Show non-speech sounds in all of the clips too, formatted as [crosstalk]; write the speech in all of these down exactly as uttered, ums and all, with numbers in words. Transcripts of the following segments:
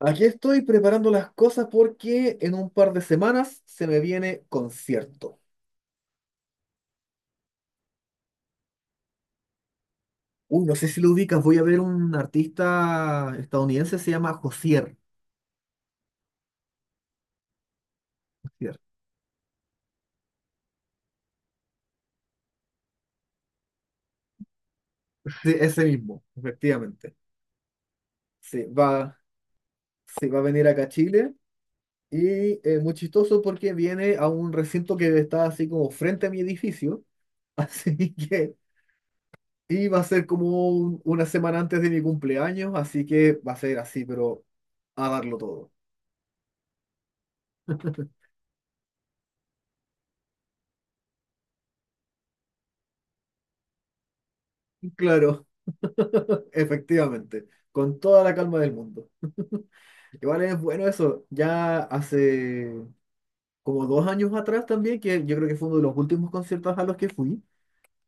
Aquí estoy preparando las cosas porque en un par de semanas se me viene concierto. Uy, no sé si lo ubicas, voy a ver un artista estadounidense, se llama Josier. Josier. Sí, ese mismo, efectivamente. Sí, va, sí, va a venir acá a Chile y eh, muy chistoso porque viene a un recinto que está así como frente a mi edificio. [laughs] Así que, y va a ser como un- una semana antes de mi cumpleaños, así que va a ser así, pero a darlo todo. [laughs] Claro. Efectivamente, con toda la calma del mundo. Igual es bueno eso, ya hace como dos años atrás también, que yo creo que fue uno de los últimos conciertos a los que fui.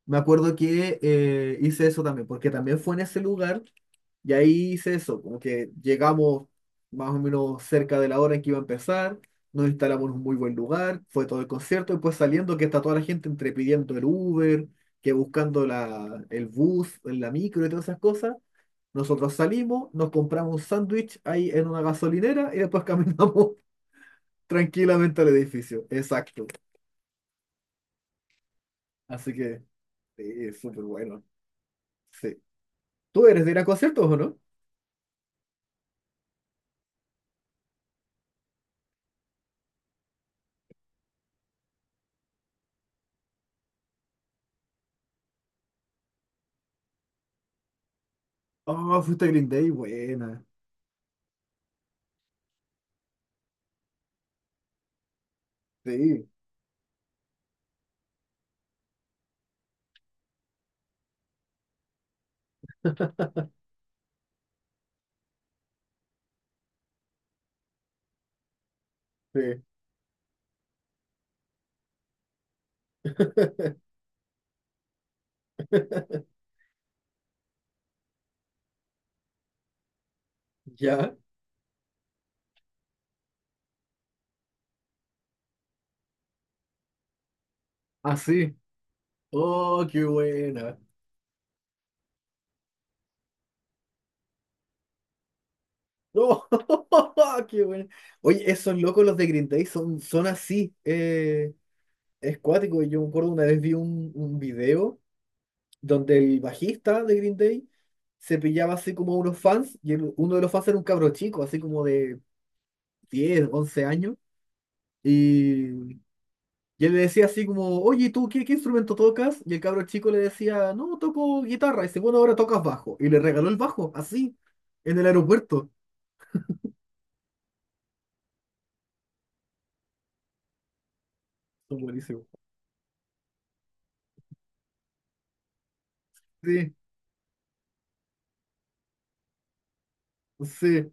Me acuerdo que eh, hice eso también, porque también fue en ese lugar, y ahí hice eso, como que llegamos más o menos cerca de la hora en que iba a empezar, nos instalamos en un muy buen lugar, fue todo el concierto y pues saliendo que está toda la gente entre pidiendo el Uber, que buscando la, el bus, la micro y todas esas cosas. Nosotros salimos, nos compramos un sándwich ahí en una gasolinera y después caminamos [laughs] tranquilamente al edificio. Exacto. Así que sí, súper bueno. Sí. ¿Tú eres de ir a conciertos o no? Oh, fuiste a Green Day, buena. Sí, sí. [laughs] Ya, así. Oh, qué buena. Oh, [laughs] qué buena. Oye, esos locos los de Green Day son, son así. Eh, es cuático. Yo me acuerdo una vez vi un, un video, donde el bajista de Green Day se pillaba así como a unos fans, y el- uno de los fans era un cabro chico, así como de diez once años, y, y él le decía así como, oye, ¿tú qué, qué instrumento tocas? Y el cabro chico le decía, no, toco guitarra, y dice, bueno, ahora tocas bajo, y le regaló el bajo, así, en el aeropuerto. Son buenísimos. Sí, sí,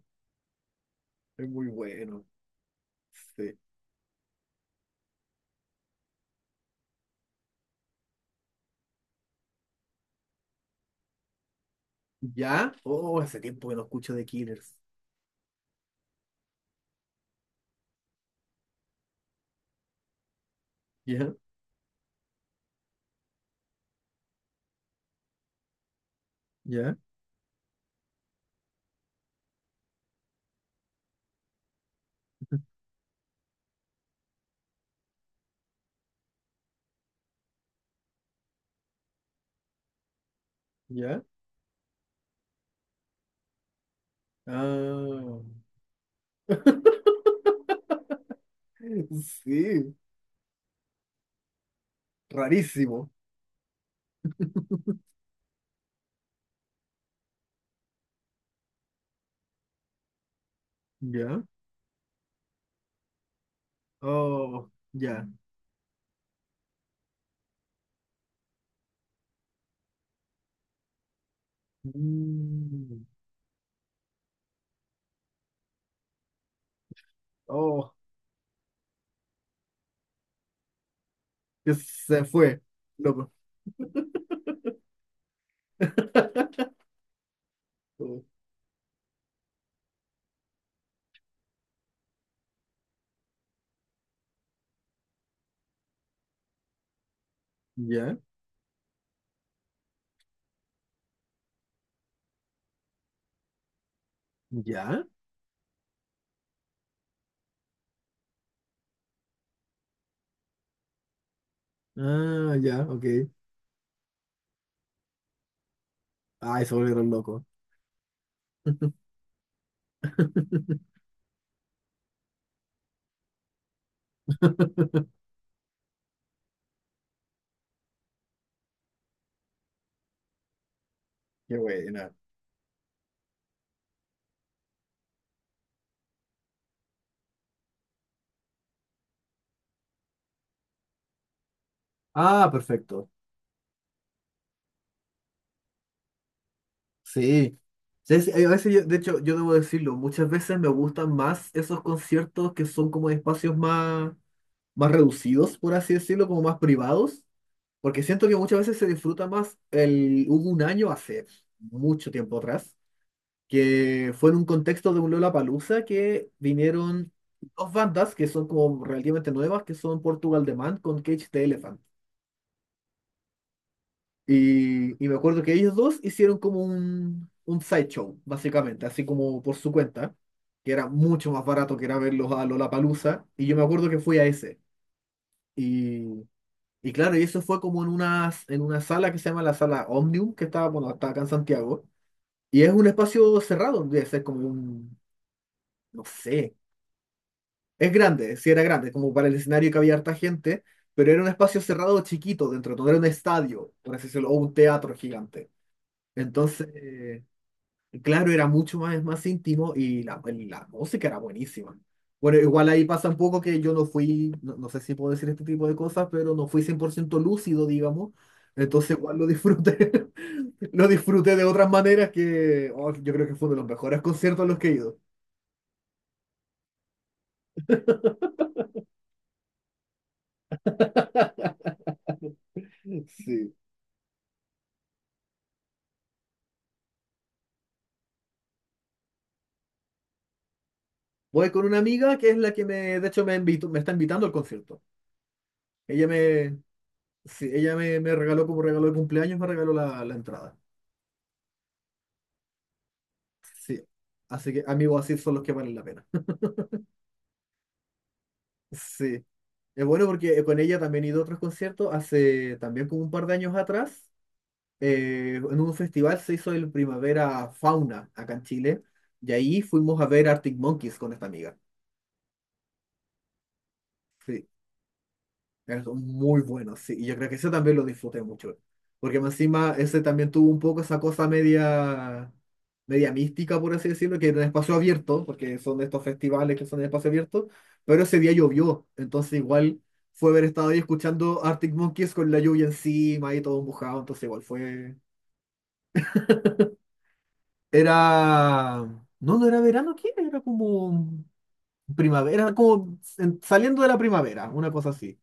es muy bueno. Sí. ¿Ya? Oh, hace tiempo que no escucho The Killers. ¿Ya? ¿Ya? ¿Ya? Ah, [laughs] sí. Rarísimo. Ya. Oh, ya. Mm, oh, que se fue. Loco. Oh, ya. Ya. Ah, ya, ok. Ay, se volvieron locos. [laughs] Qué buena. Ah, perfecto. Sí. Sí, sí. A veces, yo, de hecho, yo debo decirlo, muchas veces me gustan más esos conciertos que son como de espacios más, más reducidos, por así decirlo, como más privados. Porque siento que muchas veces se disfruta más el... Hubo un año hace mucho tiempo atrás, que fue en un contexto de un Lollapalooza que vinieron dos bandas que son como relativamente nuevas, que son Portugal The Man con Cage the Elephant. Y, y me acuerdo que ellos dos hicieron como un, un sideshow, básicamente, así como por su cuenta, que era mucho más barato que era verlos a Lollapalooza. Y yo me acuerdo que fui a ese. Y claro, y eso fue como en una, en una sala que se llama la sala Omnium, que está, bueno, está acá en Santiago. Y es un espacio cerrado, debe ser como un, no sé, es grande, sí era grande, como para el escenario que había harta gente, pero era un espacio cerrado chiquito dentro, no era un estadio, por así decirlo, o un teatro gigante. Entonces, claro, era mucho más, más íntimo y la, el la música era buenísima. Bueno, igual ahí pasa un poco que yo no fui, no, no sé si puedo decir este tipo de cosas, pero no fui cien por ciento lúcido, digamos. Entonces igual lo disfruté, [laughs] lo disfruté de otras maneras que oh, yo creo que fue uno de los mejores conciertos a los que he ido. Sí. Voy con una amiga que es la que me, de hecho, me invitó, me está invitando al concierto. Ella me, sí, ella me, me regaló como regalo de cumpleaños, me regaló la, la entrada. Sí. Así que amigos, así son los que valen la pena. [laughs] Sí. Es bueno porque eh, con ella también he ido a otros conciertos. Hace también como un par de años atrás, eh, en un festival se hizo el Primavera Fauna acá en Chile. Y ahí fuimos a ver Arctic Monkeys con esta amiga. Sí, es muy bueno, sí. Y yo creo que eso también lo disfruté mucho. Porque más encima ese también tuvo un poco esa cosa media, media mística, por así decirlo, que era en espacio abierto, porque son de estos festivales que son en espacio abierto, pero ese día llovió. Entonces igual fue haber estado ahí escuchando Arctic Monkeys con la lluvia encima y todo mojado. Entonces igual fue... Era... No, no era verano, ¿qué? Era Era como primavera, como en- saliendo de la primavera, una cosa así.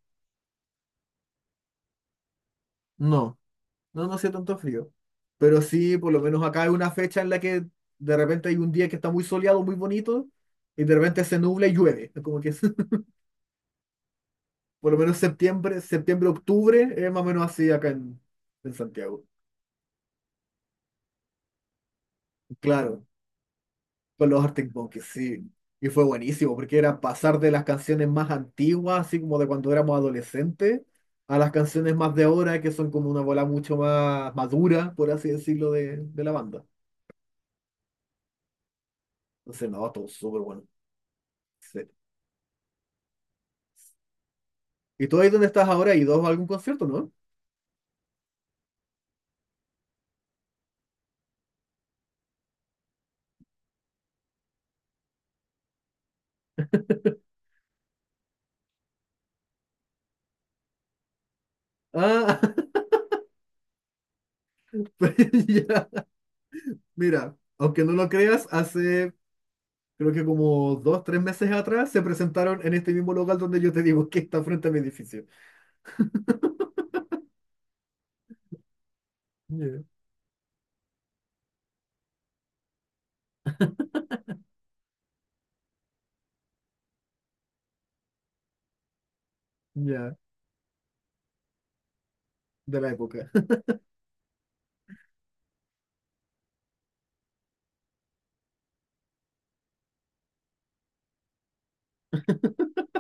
No. No, no hacía tanto frío. Pero sí, por lo menos acá hay una fecha en la que de repente hay un día que está muy soleado, muy bonito, y de repente se nubla y llueve. Es como que [laughs] por lo menos septiembre, septiembre, octubre, es más o menos así acá en, en Santiago. Claro, con los Arctic Monkeys, sí. Y fue buenísimo, porque era pasar de las canciones más antiguas, así como de cuando éramos adolescentes, a las canciones más de ahora, que son como una bola mucho más madura, por así decirlo, de, de la banda. Entonces, no, todo súper bueno. Sí. ¿Y tú ahí dónde estás ahora? ¿Y dos a algún concierto, no? Ah, [laughs] pues ya. Mira, aunque no lo creas, hace creo que como dos, tres meses atrás se presentaron en este mismo local donde yo te digo que está frente a mi edificio. Ya, ya, de la época.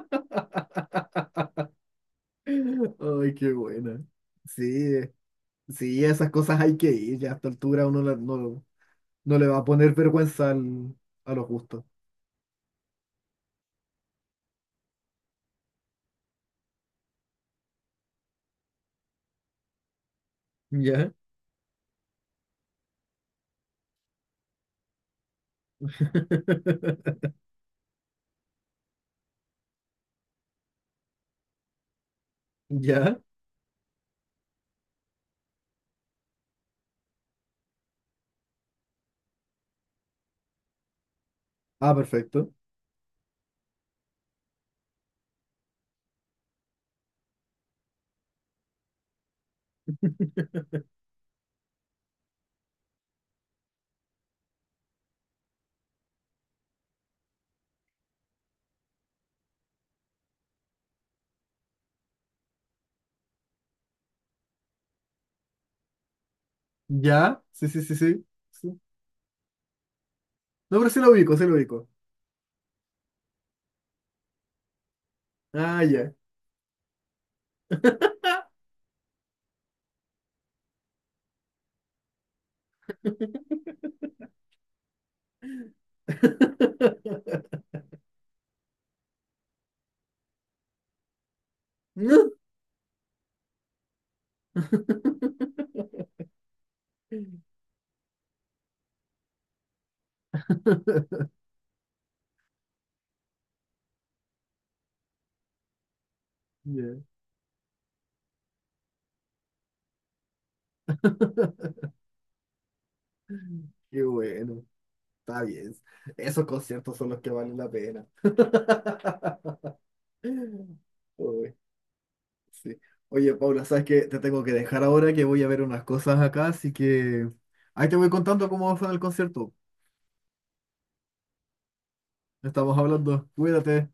[laughs] Ay, qué buena. Sí, sí, esas cosas hay que ir. Ya a esta altura uno la- no, no le va a poner vergüenza al- a los gustos. Ya, [laughs] ya. Ah, perfecto. [laughs] Ya, sí, sí, sí, sí. No, pero sí lo ubico, sí lo ubico. Ah, ya. [laughs] No. [laughs] Ya, qué bueno. Está bien. Esos conciertos son los que valen la pena. Uy, sí. Oye, Paula, ¿sabes qué? Te tengo que dejar ahora que voy a ver unas cosas acá, así que ahí te voy contando cómo va a ser el concierto. Estamos hablando. Cuídate.